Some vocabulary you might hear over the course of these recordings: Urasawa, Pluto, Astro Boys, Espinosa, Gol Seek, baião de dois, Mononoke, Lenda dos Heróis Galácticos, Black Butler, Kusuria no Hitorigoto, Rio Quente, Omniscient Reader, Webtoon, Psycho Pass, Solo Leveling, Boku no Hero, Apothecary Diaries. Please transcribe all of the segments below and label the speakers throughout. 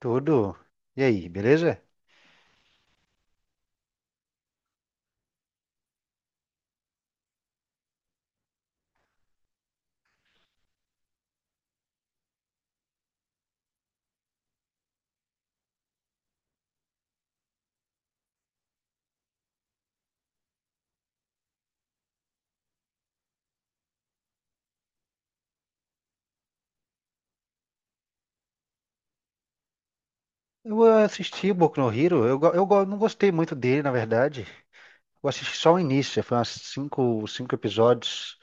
Speaker 1: Tudo. E aí, beleza? Eu assisti Boku no Hero, eu não gostei muito dele, na verdade. Eu assisti só o início, foi umas cinco episódios.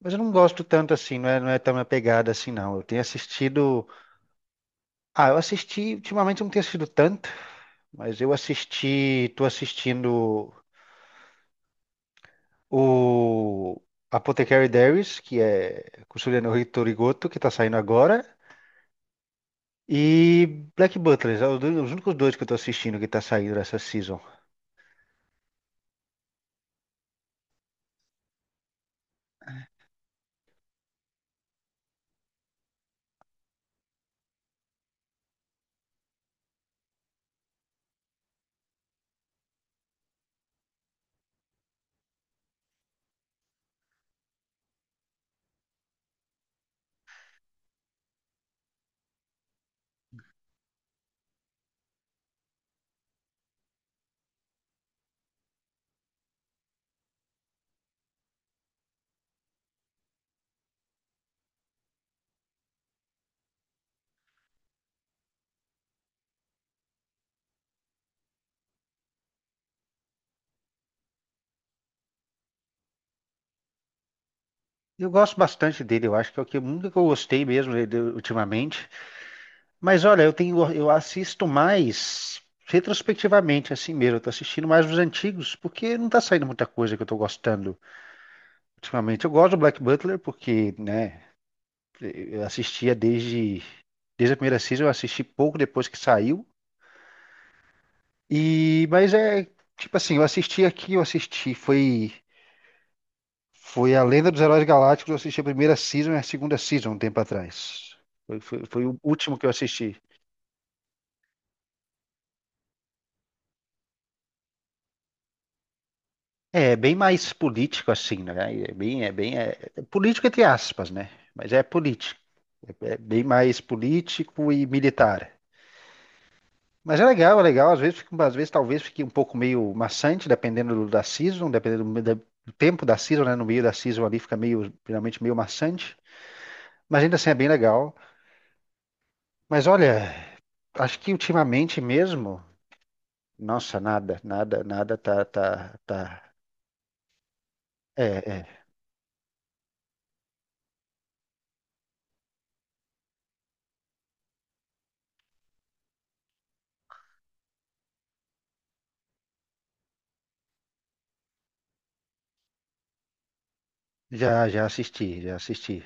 Speaker 1: Mas eu não gosto tanto assim, não é tão minha pegada assim, não. Eu tenho assistido. Ah, eu assisti. Ultimamente eu não tenho assistido tanto, mas eu assisti. Tô assistindo o Apothecary Diaries, que é Kusuria no Hitorigoto, que tá saindo agora. E Black Butler, é os únicos dois que eu tô assistindo que tá saindo essa season. Eu gosto bastante dele, eu acho que é o que nunca que eu gostei mesmo dele ultimamente. Mas olha, eu assisto mais retrospectivamente, assim mesmo. Eu tô assistindo mais os antigos, porque não tá saindo muita coisa que eu tô gostando ultimamente. Eu gosto do Black Butler, porque, né, eu assistia desde a primeira season, eu assisti pouco depois que saiu. E, mas é, tipo assim, eu assisti aqui, eu assisti, foi. Foi a Lenda dos Heróis Galácticos, eu assisti a primeira season e a segunda season um tempo atrás. Foi o último que eu assisti. É, bem mais político assim, né? É político entre aspas, né? Mas é político. É, é bem mais político e militar. Mas é legal, é legal. Às vezes, às vezes talvez fique um pouco meio maçante, dependendo da season, dependendo do tempo da season, né? No meio da season ali fica meio, geralmente meio maçante. Mas ainda assim é bem legal. Mas olha, acho que ultimamente mesmo. Nossa, nada, nada, nada tá, tá, tá. É, é. Já, já assisti, já assisti.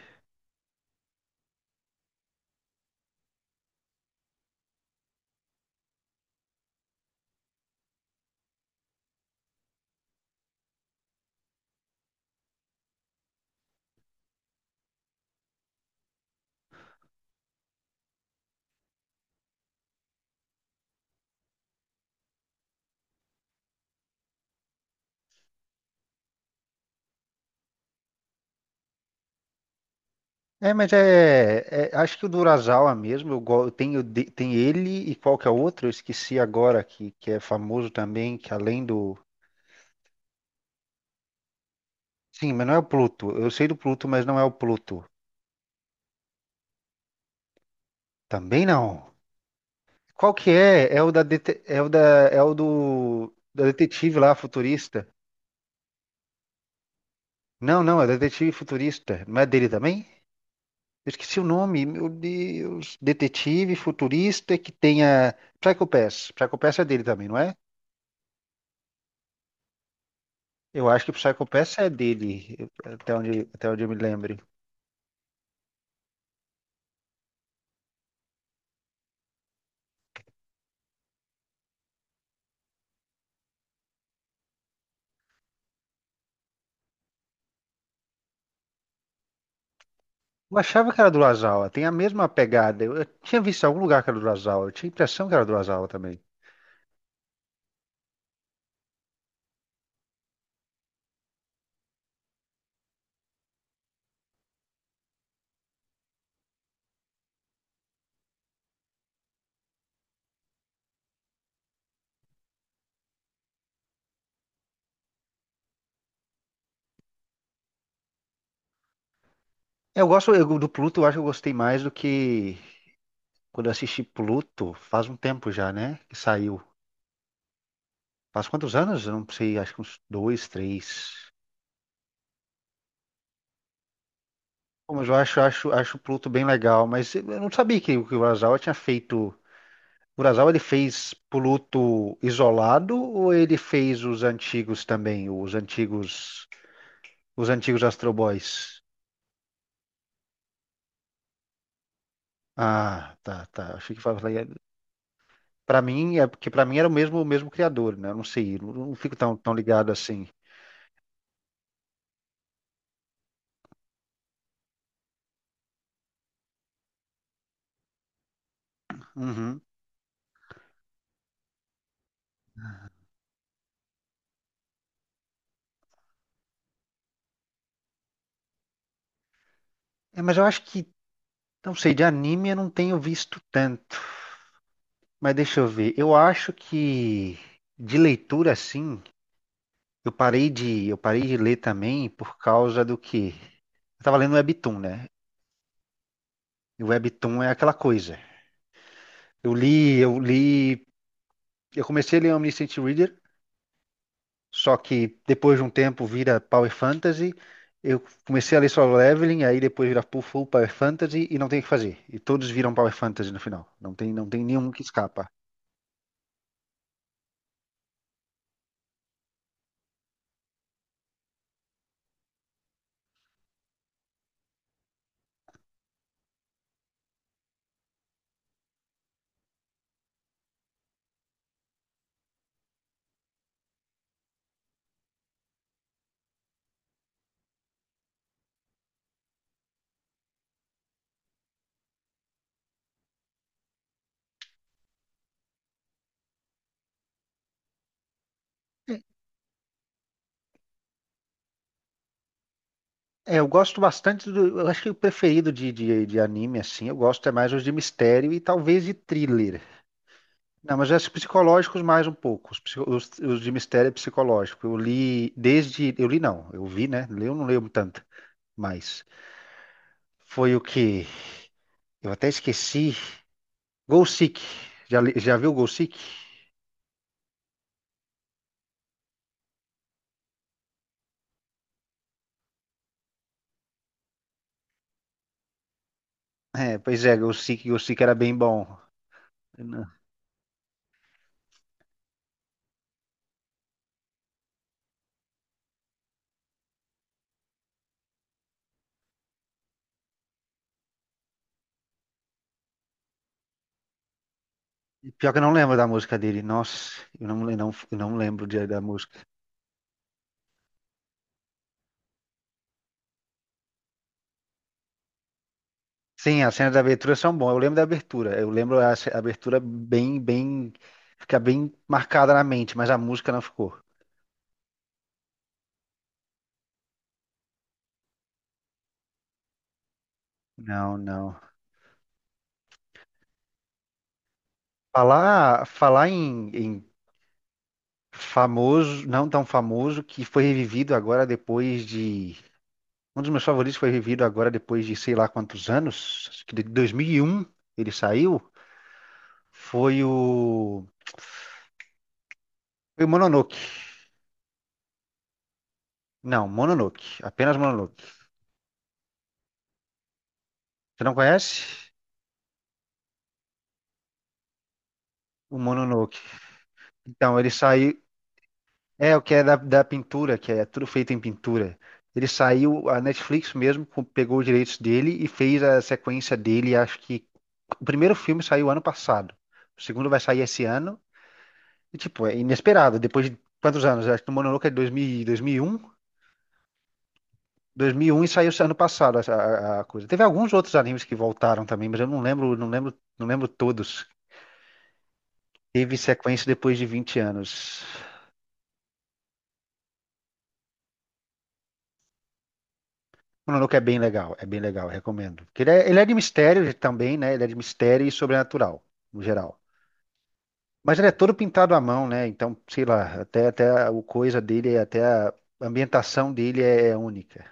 Speaker 1: É, mas é, acho que o do Urasawa mesmo, eu tenho, tem ele e qual que é o outro? Eu esqueci agora, que é famoso também, que além do... Sim, mas não é o Pluto. Eu sei do Pluto, mas não é o Pluto. Também não. Qual que é? É o da, dete- é o da, é o do, da detetive lá, futurista. Não, não, é o detetive futurista. Não é dele também? Eu esqueci o nome, meu Deus. Detetive futurista que tenha. Psycho Pass. Psycho Pass é dele também, não é? Eu acho que o Psycho Pass é dele, até onde eu me lembro. Eu achava que era do Urasawa, tem a mesma pegada. Eu tinha visto em algum lugar que era do Urasawa, eu tinha a impressão que era do Urasawa também. Eu gosto do Pluto, eu acho que eu gostei mais do que quando eu assisti Pluto, faz um tempo já, né? Que saiu. Faz quantos anos? Eu não sei, acho que uns dois, três. Bom, mas eu acho, acho, acho o Pluto bem legal, mas eu não sabia que o Urasawa tinha feito. O Urasawa ele fez Pluto isolado ou ele fez os antigos também, os antigos Astro Boys? Ah, tá, tá. Achei que falava. Para mim é porque para mim era o mesmo criador, né? Eu não sei, não não fico tão, tão ligado assim. Uhum. É, mas eu acho que, não sei, de anime eu não tenho visto tanto. Mas deixa eu ver. Eu acho que de leitura assim. Eu parei de ler também por causa do que? Eu estava lendo Webtoon, né? E o Webtoon é aquela coisa. Eu li, eu li, eu comecei a ler Omniscient Reader, só que depois de um tempo vira Power Fantasy. Eu comecei a ler Solo Leveling, aí depois vira Full Power Fantasy e não tem o que fazer. E todos viram Power Fantasy no final. Não tem nenhum que escapa. É, eu gosto bastante do. Eu acho que o preferido de anime, assim, eu gosto é mais os de mistério e talvez de thriller. Não, mas os psicológicos mais um pouco. Os de mistério é psicológico. Eu li desde. Eu li não, eu vi, né? Li, eu não leio tanto, mas foi o que. Eu até esqueci. Gol Seek. Já, já viu Gol Seek? É, pois é, Gol Seek, Gol Seek era bem bom. Eu não- Pior que eu não lembro da música dele. Nossa, eu não lembro da música. Sim, as cenas da abertura são boas. Eu lembro da abertura. Eu lembro a abertura bem, bem. Fica bem marcada na mente, mas a música não ficou. Não, não. Falar em famoso, não tão famoso, que foi revivido agora depois de. Um dos meus favoritos foi revivido agora depois de sei lá quantos anos, acho que de 2001 ele saiu, foi o. Foi o Mononoke. Não, Mononoke, apenas Mononoke. Você não conhece? O Mononoke. Então, ele saiu. É, o que é da, da pintura, que é tudo feito em pintura. Ele saiu, a Netflix mesmo co- pegou os direitos dele e fez a sequência dele. Acho que o primeiro filme saiu ano passado, o segundo vai sair esse ano. E, tipo, é inesperado. Depois de quantos anos? Acho que o Mononoke é de 2000, 2001. 2001 e um. 2001 e saiu esse ano passado a, a coisa. Teve alguns outros animes que voltaram também, mas eu não lembro, não lembro, não lembro todos. Teve sequência depois de 20 anos. Mononoke é bem legal, recomendo. Porque ele é de mistério também, né? Ele é de mistério e sobrenatural, no geral. Mas ele é todo pintado à mão, né? Então, sei lá, até, até o coisa dele, até a ambientação dele é única.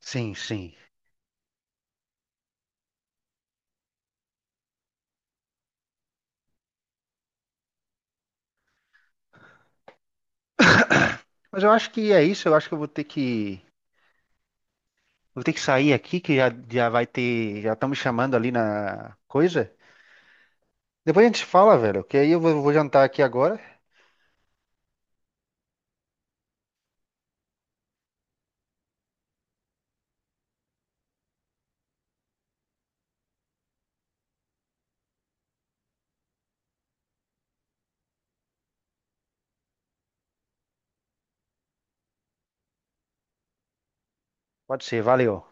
Speaker 1: Sim, sim. Mas eu acho que é isso, eu acho que eu vou ter que sair aqui, que já, já vai ter, já estão me chamando ali na coisa. Depois a gente fala, velho, que aí eu vou jantar aqui agora. Pode ser, valeu.